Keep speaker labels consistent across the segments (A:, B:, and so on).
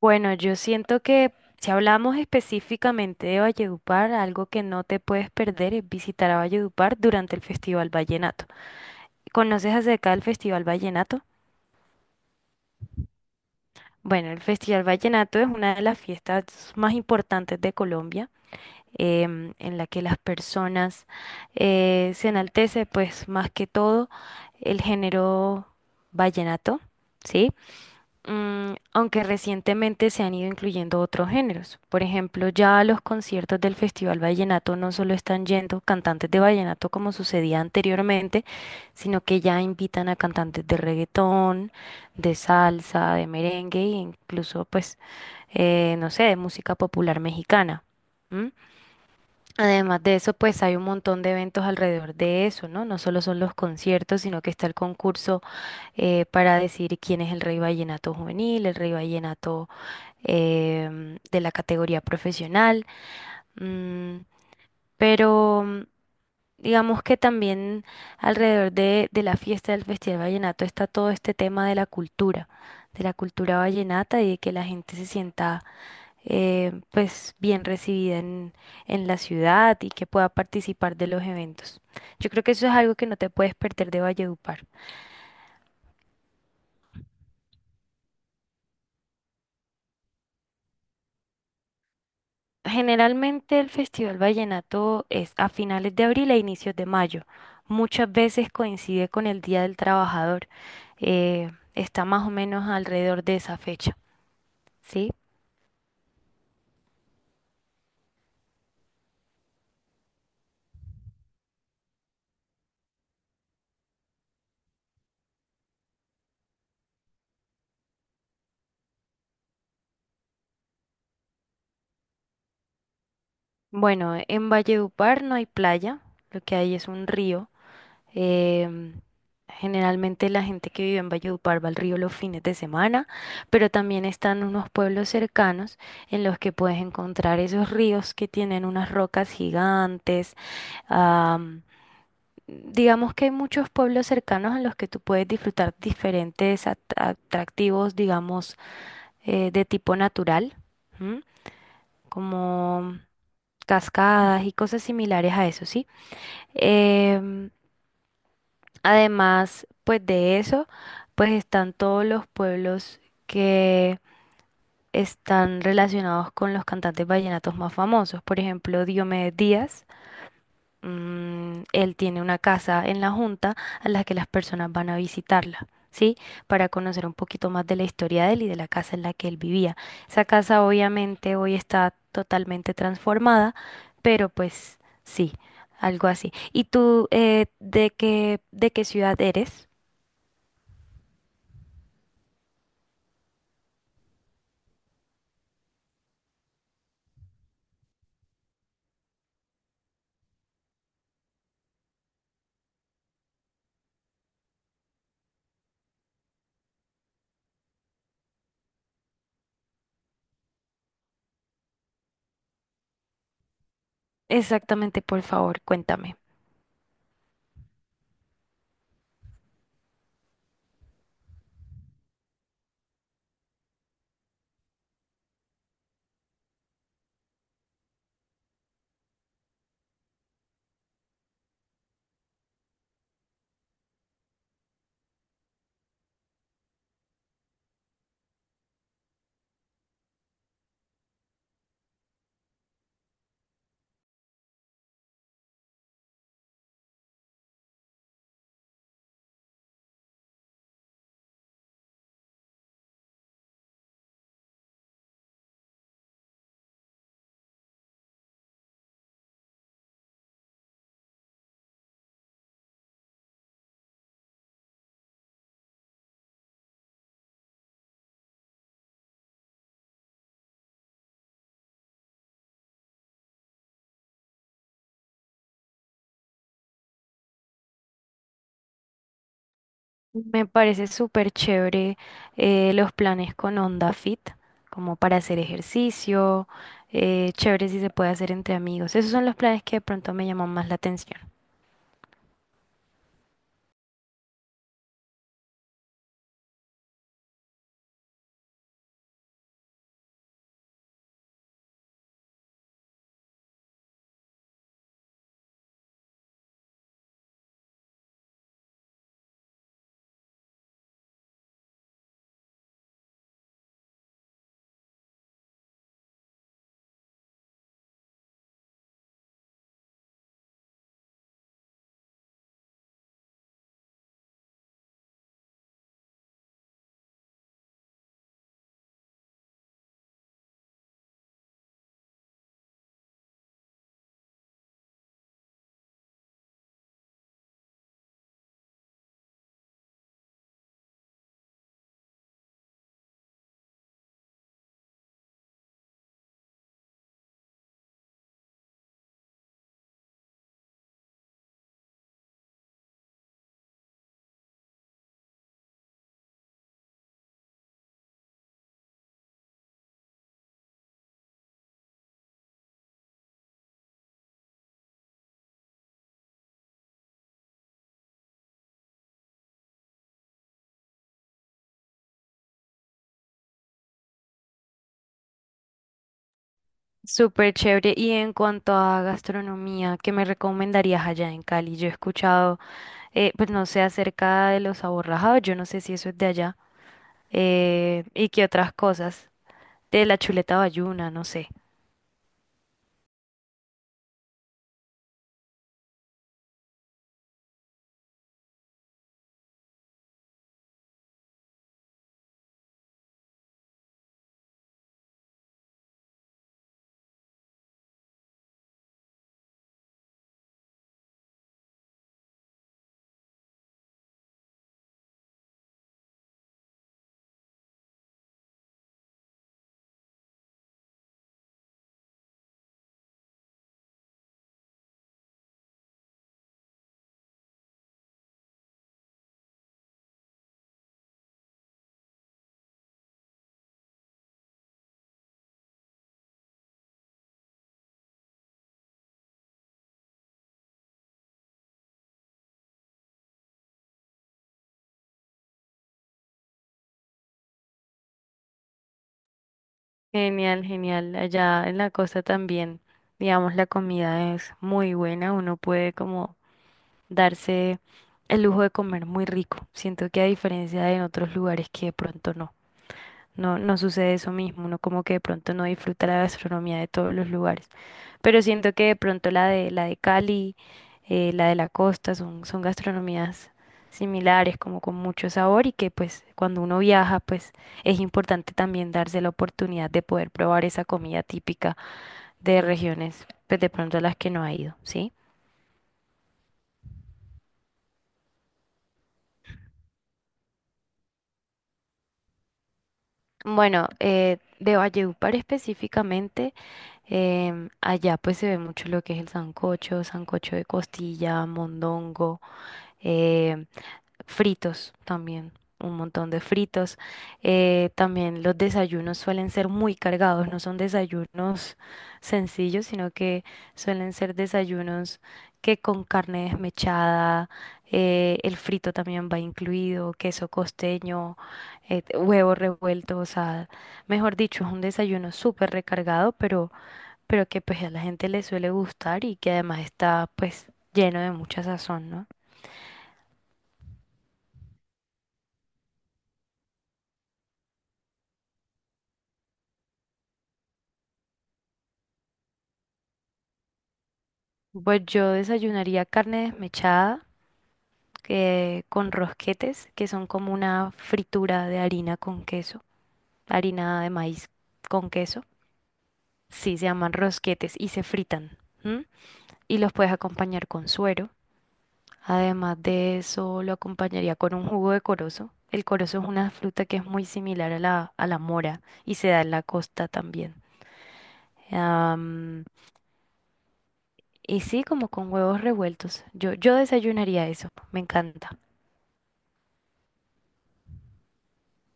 A: Bueno, yo siento que si hablamos específicamente de Valledupar, algo que no te puedes perder es visitar a Valledupar durante el Festival Vallenato. ¿Conoces acerca del Festival Vallenato? Bueno, el Festival Vallenato es una de las fiestas más importantes de Colombia, en la que las personas se enaltece, pues más que todo, el género vallenato, ¿sí? Aunque recientemente se han ido incluyendo otros géneros. Por ejemplo, ya a los conciertos del Festival Vallenato no solo están yendo cantantes de vallenato como sucedía anteriormente, sino que ya invitan a cantantes de reggaetón, de salsa, de merengue e incluso, pues, no sé, de música popular mexicana. ¿M? Además de eso, pues hay un montón de eventos alrededor de eso, ¿no? No solo son los conciertos, sino que está el concurso para decir quién es el rey vallenato juvenil, el rey vallenato de la categoría profesional, mm, pero digamos que también alrededor de la fiesta del Festival Vallenato está todo este tema de la cultura vallenata y de que la gente se sienta pues bien recibida en la ciudad y que pueda participar de los eventos. Yo creo que eso es algo que no te puedes perder de Valledupar. Generalmente el Festival Vallenato es a finales de abril e inicios de mayo. Muchas veces coincide con el Día del Trabajador. Está más o menos alrededor de esa fecha, ¿sí? Bueno, en Valledupar no hay playa, lo que hay es un río. em, Generalmente la gente que vive en Valledupar va al río los fines de semana, pero también están unos pueblos cercanos en los que puedes encontrar esos ríos que tienen unas rocas gigantes. Digamos que hay muchos pueblos cercanos en los que tú puedes disfrutar diferentes atractivos, digamos, de tipo natural, ¿m? Como cascadas y cosas similares a eso, ¿sí? Em, Además, pues de eso, pues están todos los pueblos que están relacionados con los cantantes vallenatos más famosos, por ejemplo, Diomedes Díaz. Él tiene una casa en la Junta a la que las personas van a visitarla, ¿sí? Para conocer un poquito más de la historia de él y de la casa en la que él vivía. Esa casa obviamente hoy está totalmente transformada, pero pues sí, algo así. ¿Y tú de qué ciudad eres? Exactamente, por favor, cuéntame. Me parece súper chévere los planes con Onda Fit, como para hacer ejercicio, chévere si se puede hacer entre amigos. Esos son los planes que de pronto me llaman más la atención. Súper chévere. Y en cuanto a gastronomía, ¿qué me recomendarías allá en Cali? Yo he escuchado, pues no sé, acerca de los aborrajados, yo no sé si eso es de allá, y qué otras cosas, de la chuleta bayuna, no sé. Genial, genial. Allá en la costa también, digamos, la comida es muy buena. Uno puede como darse el lujo de comer muy rico. Siento que a diferencia de en otros lugares que de pronto no. No, no sucede eso mismo, uno como que de pronto no disfruta la gastronomía de todos los lugares. Pero siento que de pronto la de Cali, la de la costa son, son gastronomías similares, como con mucho sabor y que pues cuando uno viaja pues es importante también darse la oportunidad de poder probar esa comida típica de regiones pues de pronto a las que no ha ido, ¿sí? Bueno, de Valledupar específicamente. Allá pues se ve mucho lo que es el sancocho, sancocho de costilla, mondongo, eh, fritos también, un montón de fritos. También los desayunos suelen ser muy cargados, no son desayunos sencillos, sino que suelen ser desayunos que con carne desmechada, el frito también va incluido, queso costeño, huevo revuelto, o sea, mejor dicho, es un desayuno súper recargado, pero que pues a la gente le suele gustar y que además está pues lleno de mucha sazón, ¿no? Pues yo desayunaría carne desmechada con rosquetes, que son como una fritura de harina con queso, harina de maíz con queso. Sí, se llaman rosquetes y se fritan. ¿M? Y los puedes acompañar con suero. Además de eso, lo acompañaría con un jugo de corozo. El corozo es una fruta que es muy similar a la mora y se da en la costa también. Y sí, como con huevos revueltos. Yo desayunaría eso. Me encanta.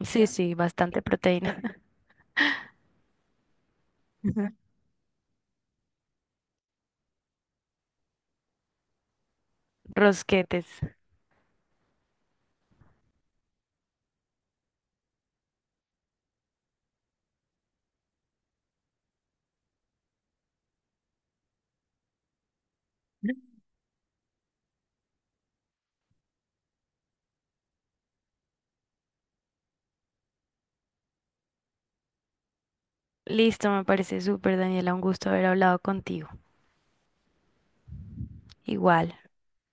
A: Sí, sí, bastante proteína. Rosquetes. Listo, me parece súper, Daniela. Un gusto haber hablado contigo. Igual.